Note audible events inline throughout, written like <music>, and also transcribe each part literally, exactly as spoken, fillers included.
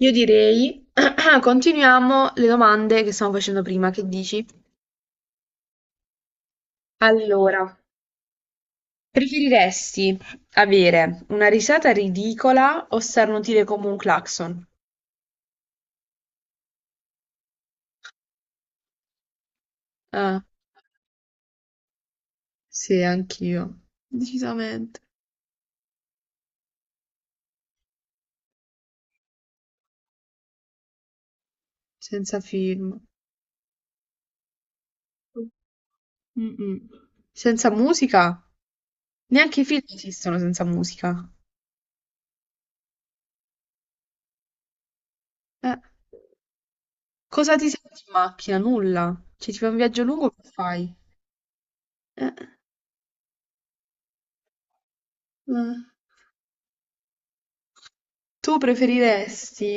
Io direi, <clears throat> continuiamo le domande che stavamo facendo prima, che dici? Allora, preferiresti avere una risata ridicola o starnutire come un clacson? Ah, sì, anch'io. Decisamente. Senza film. Mm-mm. Senza musica? Neanche i film esistono senza musica. Eh, cosa ti senti in macchina? Nulla. Cioè, ti fai un viaggio lungo, che fai? Eh, eh. Tu preferiresti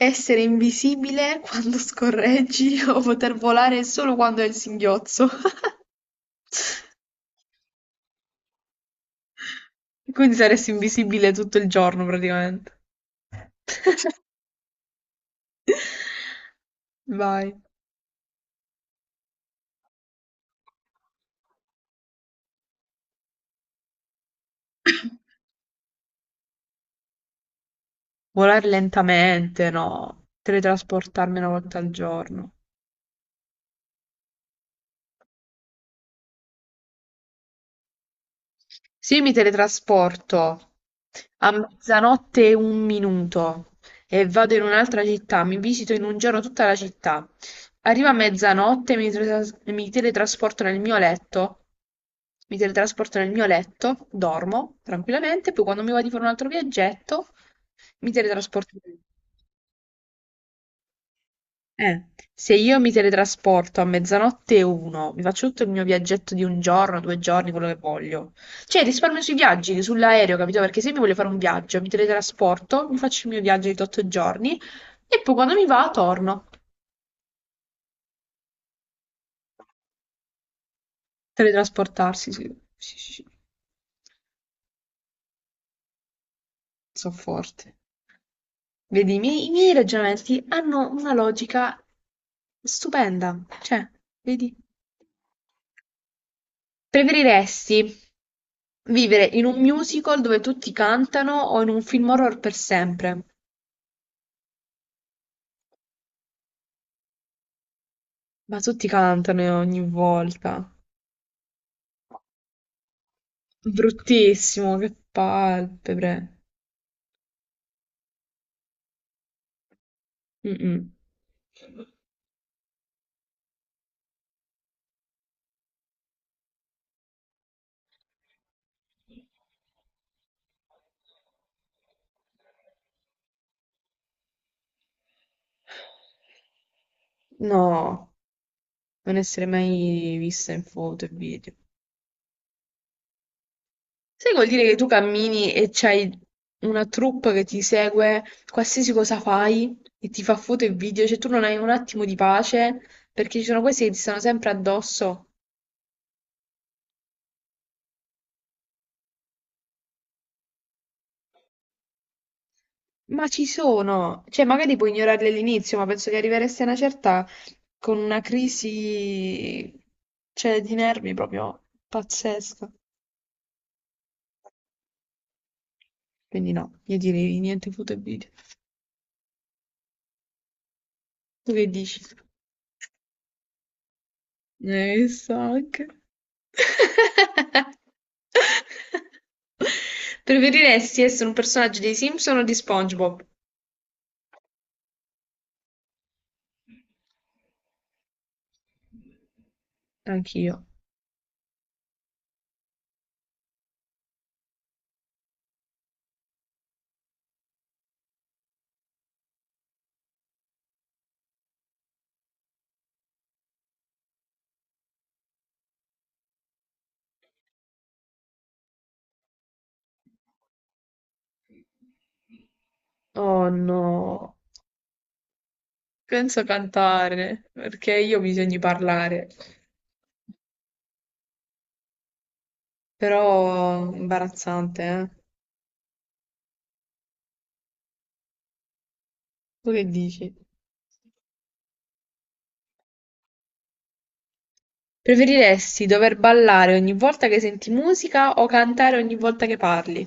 essere invisibile quando scorreggi <laughs> o poter volare solo quando hai il singhiozzo. <laughs> Quindi saresti invisibile tutto il giorno praticamente. Vai. Volare lentamente, no. Teletrasportarmi una volta al giorno. Se io mi teletrasporto a mezzanotte e un minuto e vado in un'altra città, mi visito in un giorno tutta la città, arrivo a mezzanotte, mi, tras- mi teletrasporto nel mio letto, mi teletrasporto nel mio letto, dormo tranquillamente, poi quando mi va di fare un altro viaggetto, mi teletrasporto. Eh, se io mi teletrasporto a mezzanotte e uno, mi faccio tutto il mio viaggetto di un giorno, due giorni, quello che voglio. Cioè, risparmio sui viaggi, sull'aereo, capito? Perché se mi voglio fare un viaggio, mi teletrasporto, mi faccio il mio viaggio di otto giorni e poi quando mi va, torno. Teletrasportarsi, sì, sì, sì, sì. Sono forte. Vedi, i miei, i miei ragionamenti hanno una logica stupenda. Cioè, vedi? Preferiresti vivere in un musical dove tutti cantano o in un film horror per sempre? Ma tutti cantano ogni volta. Bruttissimo, che palpebre. Mm-mm. No, non essere mai vista in foto e video. Sai che vuol dire che tu cammini e c'hai una troupe che ti segue qualsiasi cosa fai e ti fa foto e video, cioè tu non hai un attimo di pace perché ci sono questi che ti stanno sempre addosso. Ma ci sono, cioè magari puoi ignorarli all'inizio, ma penso che arriveresti a una certa con una crisi, cioè, di nervi proprio pazzesca. Quindi no, io direi niente foto e video. Tu che dici? Eh, so anche. <laughs> Preferiresti essere un personaggio dei Simpson o di SpongeBob? Anch'io. Oh no. Penso cantare, perché io ho bisogno di parlare, però imbarazzante, eh? Tu che dici? Preferiresti dover ballare ogni volta che senti musica o cantare ogni volta che parli?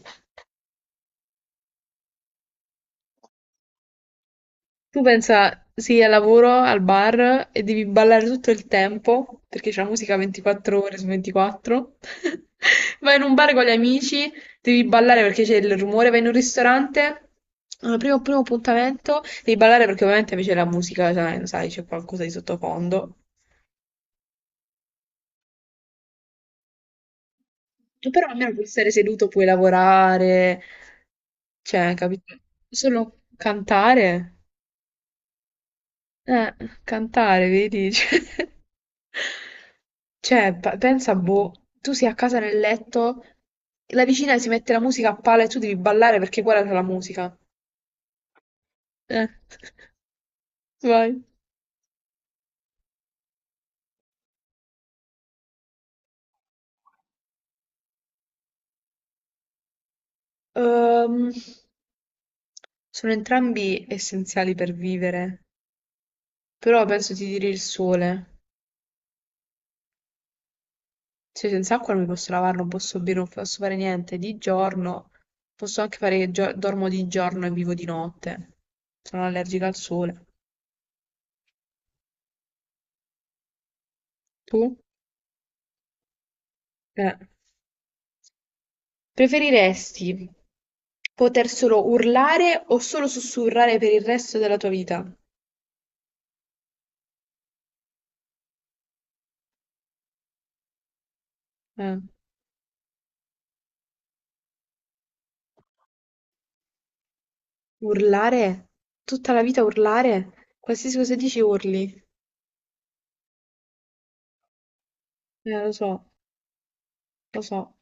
Tu pensa, sì, al lavoro, al bar e devi ballare tutto il tempo, perché c'è la musica ventiquattro ore su ventiquattro. <laughs> Vai in un bar con gli amici, devi ballare perché c'è il rumore, vai in un ristorante, al primo, primo appuntamento, devi ballare perché ovviamente invece la musica, sai, sai, c'è qualcosa di sottofondo. Però almeno puoi stare seduto, puoi lavorare, cioè, capito? Solo cantare? Eh, cantare, vedi? <laughs> Cioè, Cioè, pa- pensa, boh, tu sei a casa nel letto, la vicina si mette la musica a palla e tu devi ballare perché quella era la musica. Eh, <laughs> vai. Ehm, sono entrambi essenziali per vivere, però penso ti direi il sole. Cioè, senza acqua non mi posso lavare, non posso bere, non posso fare niente. Di giorno, posso anche fare che gio- dormo di giorno e vivo di notte. Sono allergica al sole. Tu? Eh. Preferiresti poter solo urlare o solo sussurrare per il resto della tua vita? Eh, urlare? Tutta la vita urlare? Qualsiasi cosa dici urli. Eh, lo so, lo so.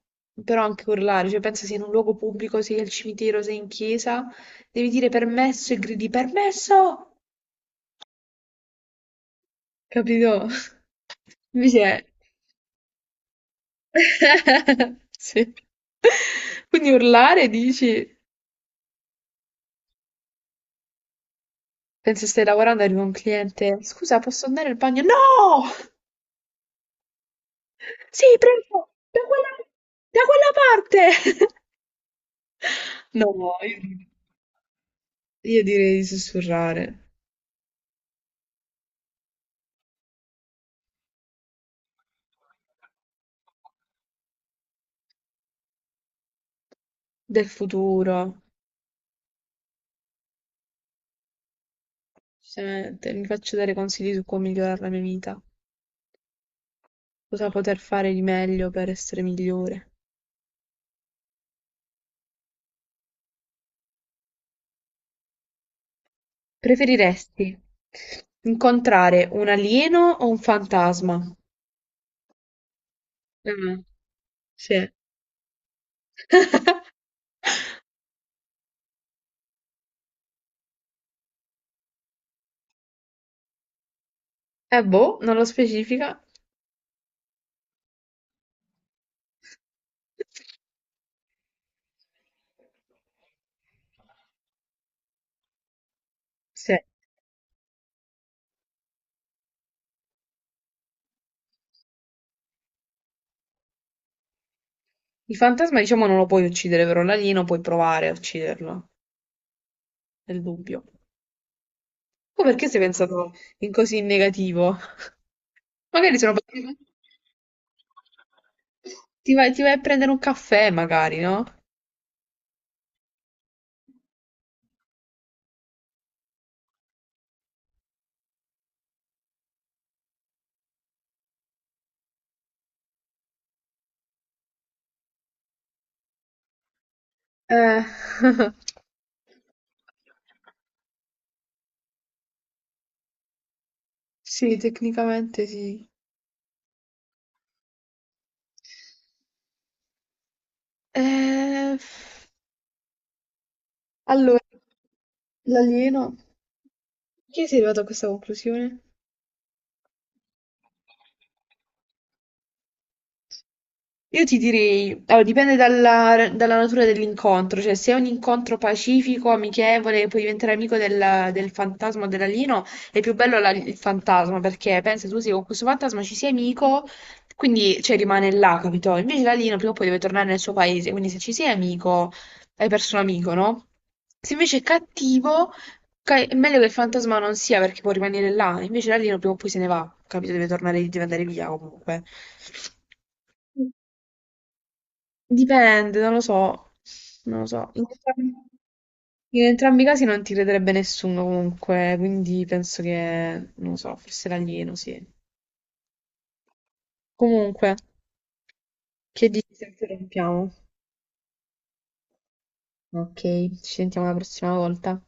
Però anche urlare, cioè pensa sia in un luogo pubblico, sia al cimitero, sia in chiesa, devi dire permesso e gridi permesso! Capito? <laughs> Invece è... <laughs> Sì. <laughs> Quindi urlare dici? Penso stai lavorando, arriva un cliente. Scusa, posso andare al bagno? No! Sì, prego! Da quella, da quella parte! <laughs> No, io, io direi di sussurrare. Del futuro. Giustamente, mi faccio dare consigli su come migliorare la mia vita. Cosa poter fare di meglio per essere migliore. Preferiresti incontrare un alieno o un fantasma? Mm, sì. Eh boh, non lo specifica. Sì. Il fantasma, diciamo, non lo puoi uccidere, però l'alieno puoi provare a ucciderlo, nel dubbio. Tu perché sei pensato in così in negativo? Magari sono... Ti vai, ti vai a prendere un caffè, magari, no? Eh. <laughs> Sì, tecnicamente sì. Eh, allora, l'alieno... Perché sei arrivato a questa conclusione? Io ti direi, allora, dipende dalla, dalla natura dell'incontro, cioè se è un incontro pacifico, amichevole, puoi diventare amico del, del fantasma o dell'alieno, è più bello la- il fantasma perché pensa tu sì, con questo fantasma ci sei amico, quindi cioè, rimane là, capito? Invece l'alieno prima o poi deve tornare nel suo paese, quindi se ci sei amico, hai perso un amico, no? Se invece è cattivo, ca- è meglio che il fantasma non sia perché può rimanere là, invece l'alieno prima o poi se ne va, capito? Deve tornare, deve andare via comunque. Dipende, non lo so, non lo so. In entrambi, in entrambi i casi non ti crederebbe nessuno comunque, quindi penso che, non lo so, forse l'alieno, sì. Comunque, che dici se interrompiamo? Ok, ci sentiamo la prossima volta.